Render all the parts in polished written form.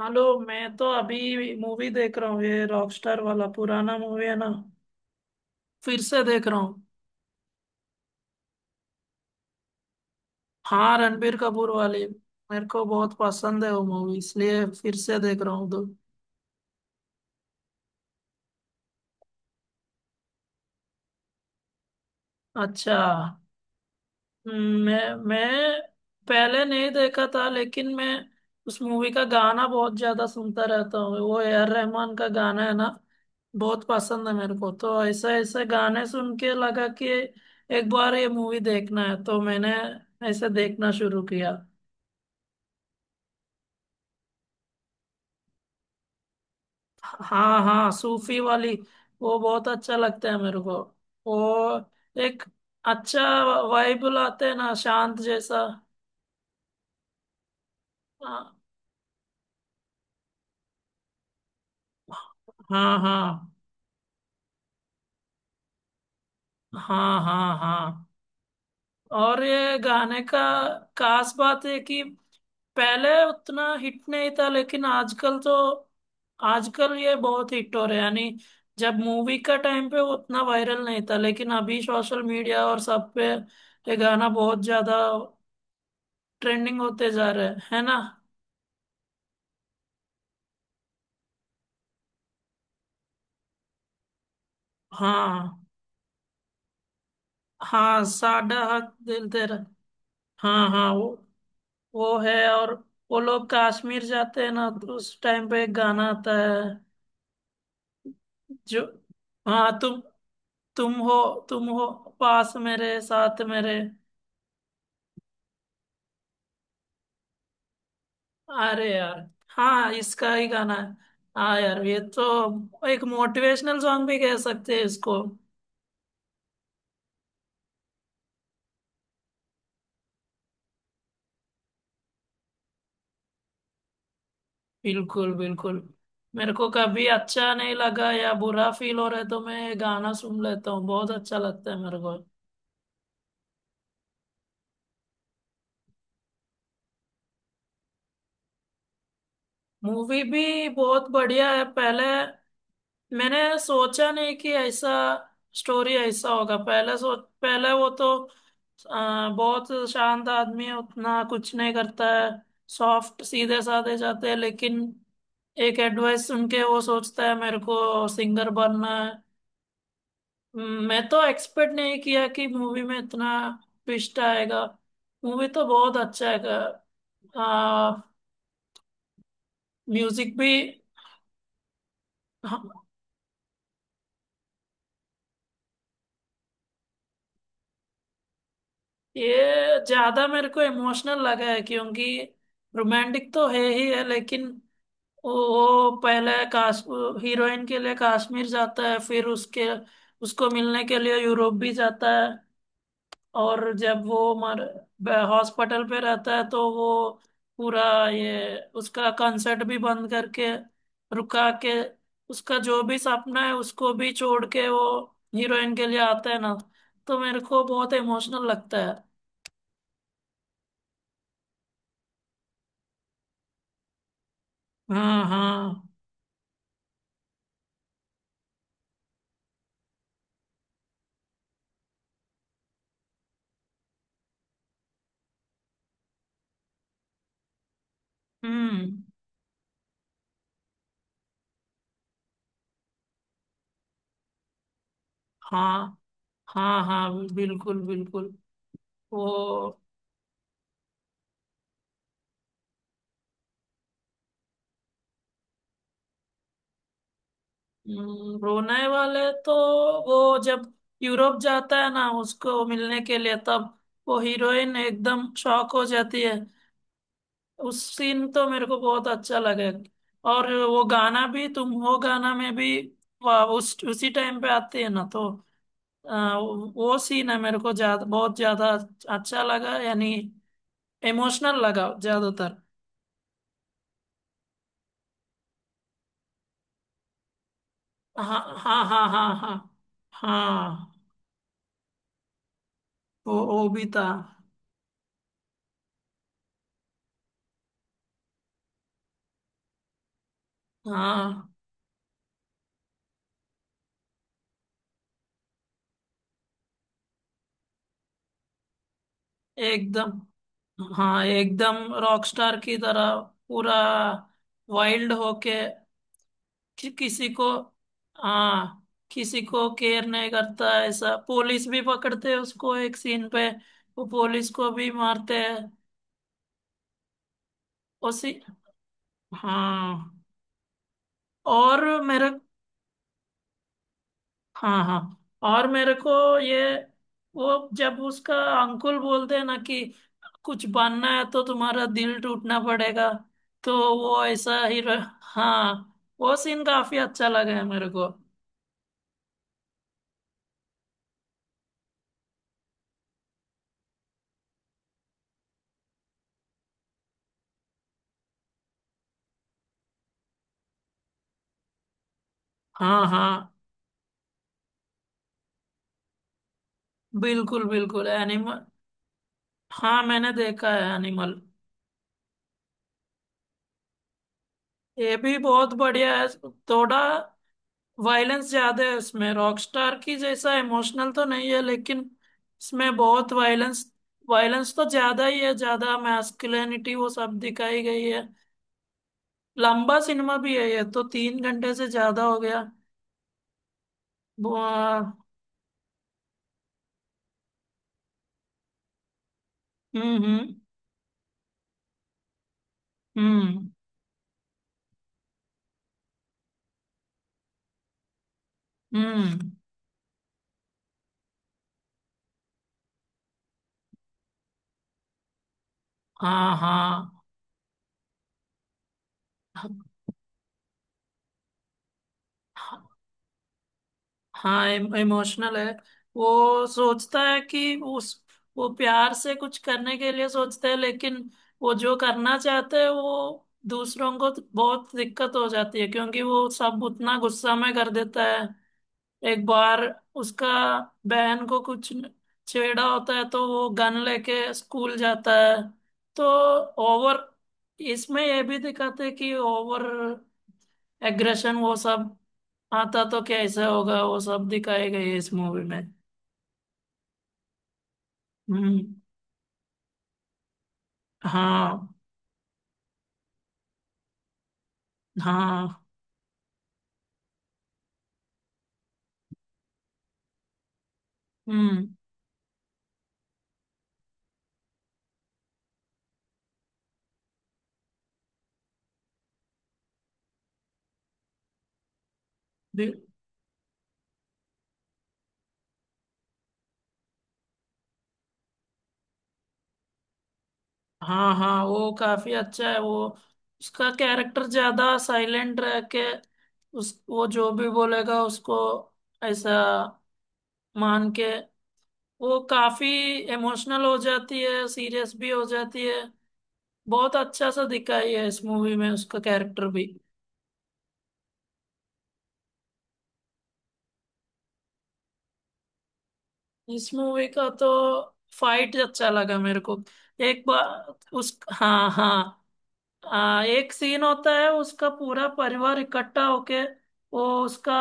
Hello. मैं तो अभी मूवी देख रहा हूँ। ये रॉकस्टार वाला पुराना मूवी है ना। फिर से देख रहा हूँ। हाँ, रणबीर कपूर वाली। मेरे को बहुत पसंद है वो मूवी, इसलिए फिर से देख रहा हूँ तो। अच्छा। मैं पहले नहीं देखा था, लेकिन मैं उस मूवी का गाना बहुत ज्यादा सुनता रहता हूँ। वो AR रहमान का गाना है ना। बहुत पसंद है मेरे को, तो ऐसे ऐसे गाने सुन के लगा कि एक बार ये मूवी देखना है, तो मैंने ऐसे देखना शुरू किया। हाँ, हाँ, सूफी वाली। वो बहुत अच्छा लगता है मेरे को। वो एक अच्छा वाइब लाते हैं ना, शांत जैसा। हाँ, हाँ, हाँ, हाँ, हाँ, हाँ। और ये गाने का खास बात है कि पहले उतना हिट नहीं था, लेकिन आजकल तो, आजकल ये बहुत हिट हो रहा है यानी जब मूवी का टाइम पे वो उतना वायरल नहीं था, लेकिन अभी सोशल मीडिया और सब पे ये गाना बहुत ज्यादा ट्रेंडिंग होते जा रहे हैं है ना। हाँ, हाँ, साडा हक दिल तेरा। हाँ, हाँ, वो है। और वो लोग कश्मीर जाते हैं ना, तो उस टाइम पे एक गाना आता है जो, हाँ, तुम हो, तुम हो, पास मेरे, साथ मेरे। अरे यार, हाँ, इसका ही गाना है। हाँ यार, ये तो एक मोटिवेशनल सॉन्ग भी कह सकते हैं इसको। बिल्कुल, बिल्कुल। मेरे को कभी अच्छा नहीं लगा या बुरा फील हो रहा है, तो मैं ये गाना सुन लेता हूँ। बहुत अच्छा लगता है मेरे को। मूवी भी बहुत बढ़िया है। पहले मैंने सोचा नहीं कि ऐसा स्टोरी ऐसा होगा। पहले वो तो बहुत शांत आदमी है, उतना कुछ नहीं करता है। सॉफ्ट सीधे साधे जाते हैं, लेकिन एक एडवाइस सुन के वो सोचता है मेरे को सिंगर बनना है। मैं तो एक्सपेक्ट नहीं किया कि मूवी में इतना ट्विस्ट आएगा। मूवी तो बहुत अच्छा है। आ, म्यूजिक भी। हाँ, ये ज्यादा मेरे को इमोशनल लगा है, क्योंकि रोमांटिक तो है ही है, लेकिन वो पहले काश हीरोइन के लिए कश्मीर जाता है, फिर उसके उसको मिलने के लिए यूरोप भी जाता है। और जब वो मर हॉस्पिटल पे रहता है, तो वो पूरा ये उसका कंसर्ट भी बंद करके, रुका के, उसका जो भी सपना है उसको भी छोड़ के, वो हीरोइन के लिए आता है ना। तो मेरे को बहुत इमोशनल लगता है। हाँ, हाँ। हम्म। हाँ, हाँ, हाँ, बिल्कुल, बिल्कुल। वो ब्रुनई वाले, तो वो जब यूरोप जाता है ना उसको मिलने के लिए, तब वो हीरोइन एकदम शॉक हो जाती है। उस सीन तो मेरे को बहुत अच्छा लगे। और वो गाना भी, तुम हो गाना में भी, वाह, उस उसी टाइम पे आती है ना। तो वो सीन है मेरे को ज्यादा, बहुत ज्यादा अच्छा लगा यानी इमोशनल लगा ज्यादातर। हाँ, हाँ, हाँ, हाँ, हाँ, हाँ, वो भी था। हाँ, एकदम। हाँ, एकदम रॉकस्टार की तरह, पूरा वाइल्ड होके, कि, किसी को हाँ, किसी को केयर नहीं करता है। ऐसा पुलिस भी पकड़ते हैं उसको एक सीन पे। वो पुलिस को भी मारते हैं। उसी। हाँ और मेरे हाँ, हाँ, और मेरे को ये वो, जब उसका अंकुल बोलते हैं ना कि कुछ बनना है तो तुम्हारा दिल टूटना पड़ेगा, तो वो ऐसा ही हाँ। वो सीन काफी अच्छा लगा है मेरे को। हाँ, हाँ, बिल्कुल, बिल्कुल, एनिमल। हाँ, मैंने देखा है एनिमल। ये भी बहुत बढ़िया है। थोड़ा वायलेंस ज्यादा है उसमें, रॉकस्टार की जैसा इमोशनल तो नहीं है, लेकिन इसमें बहुत वायलेंस। वायलेंस तो ज्यादा ही है, ज्यादा मैस्कुलिनिटी वो सब दिखाई गई है। लंबा सिनेमा भी है ये तो, 3 घंटे से ज्यादा हो गया। वो, हम्म, हम्म, हम्म, हम्म। हाँ, हाँ, हाँ, इमोशनल है। वो सोचता है कि उस वो प्यार से कुछ करने के लिए सोचते हैं, लेकिन वो जो करना चाहते हैं वो दूसरों को तो बहुत दिक्कत हो जाती है, क्योंकि वो सब उतना गुस्सा में कर देता है। एक बार उसका बहन को कुछ छेड़ा होता है, तो वो गन लेके स्कूल जाता है। तो ओवर इसमें ये भी दिखाते हैं कि ओवर एग्रेशन वो सब आता तो कैसे होगा, वो सब दिखाए गए हैं इस मूवी में। हम्म। हाँ, हाँ, हम्म, बि- हाँ, हाँ, वो काफी अच्छा है। वो, उसका कैरेक्टर ज्यादा साइलेंट रह के, उस वो जो भी बोलेगा उसको ऐसा मान के, वो काफी इमोशनल हो जाती है, सीरियस भी हो जाती है। बहुत अच्छा सा दिखाई है इस मूवी में उसका कैरेक्टर भी। इस मूवी का तो फाइट अच्छा लगा मेरे को। एक बार उस हाँ, हाँ, एक सीन होता है, उसका पूरा परिवार इकट्ठा होके वो उसका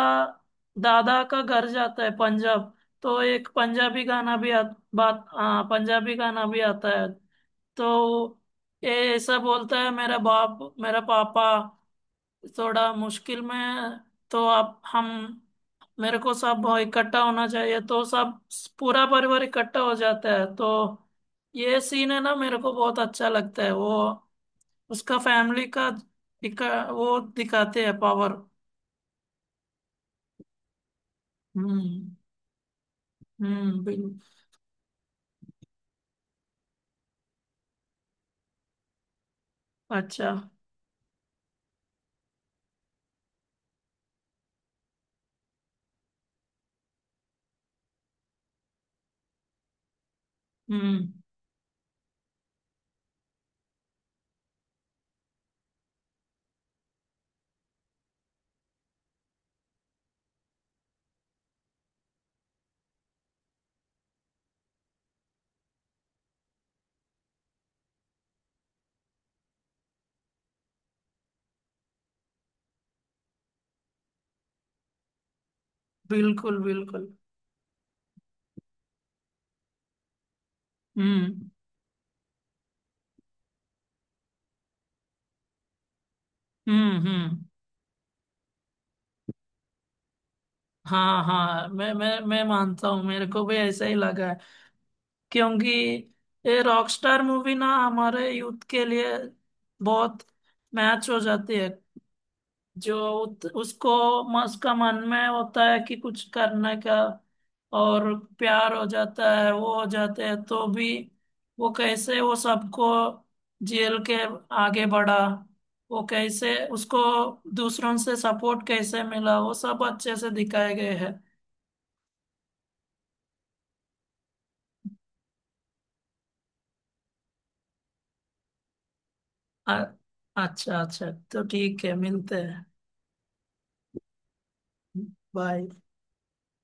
दादा का घर जाता है पंजाब। तो एक पंजाबी गाना भी बात पंजाबी गाना भी आता है। तो ये ऐसा बोलता है मेरा पापा थोड़ा मुश्किल में है, तो आप हम मेरे को सब इकट्ठा होना चाहिए, तो सब पूरा परिवार इकट्ठा हो जाता है। तो ये सीन है ना, मेरे को बहुत अच्छा लगता है वो, उसका फैमिली का वो दिखाते हैं पावर। हम्म। हम्म, बिल अच्छा। हम्म, बिल्कुल, बिल्कुल। हम्म। हम्म। हम्म। हाँ, हाँ, मैं मानता हूँ, मेरे को भी ऐसा ही लगा है। क्योंकि ये रॉकस्टार मूवी ना हमारे यूथ के लिए बहुत मैच हो जाती है। जो उसको उसका मन में होता है कि कुछ करने का, और प्यार हो जाता है, वो हो जाते हैं तो भी, वो कैसे, वो सबको जेल के आगे बढ़ा, वो कैसे उसको दूसरों से सपोर्ट कैसे मिला, वो सब अच्छे से दिखाए गए हैं। अ- अच्छा, अच्छा, तो ठीक है, मिलते हैं। बाय।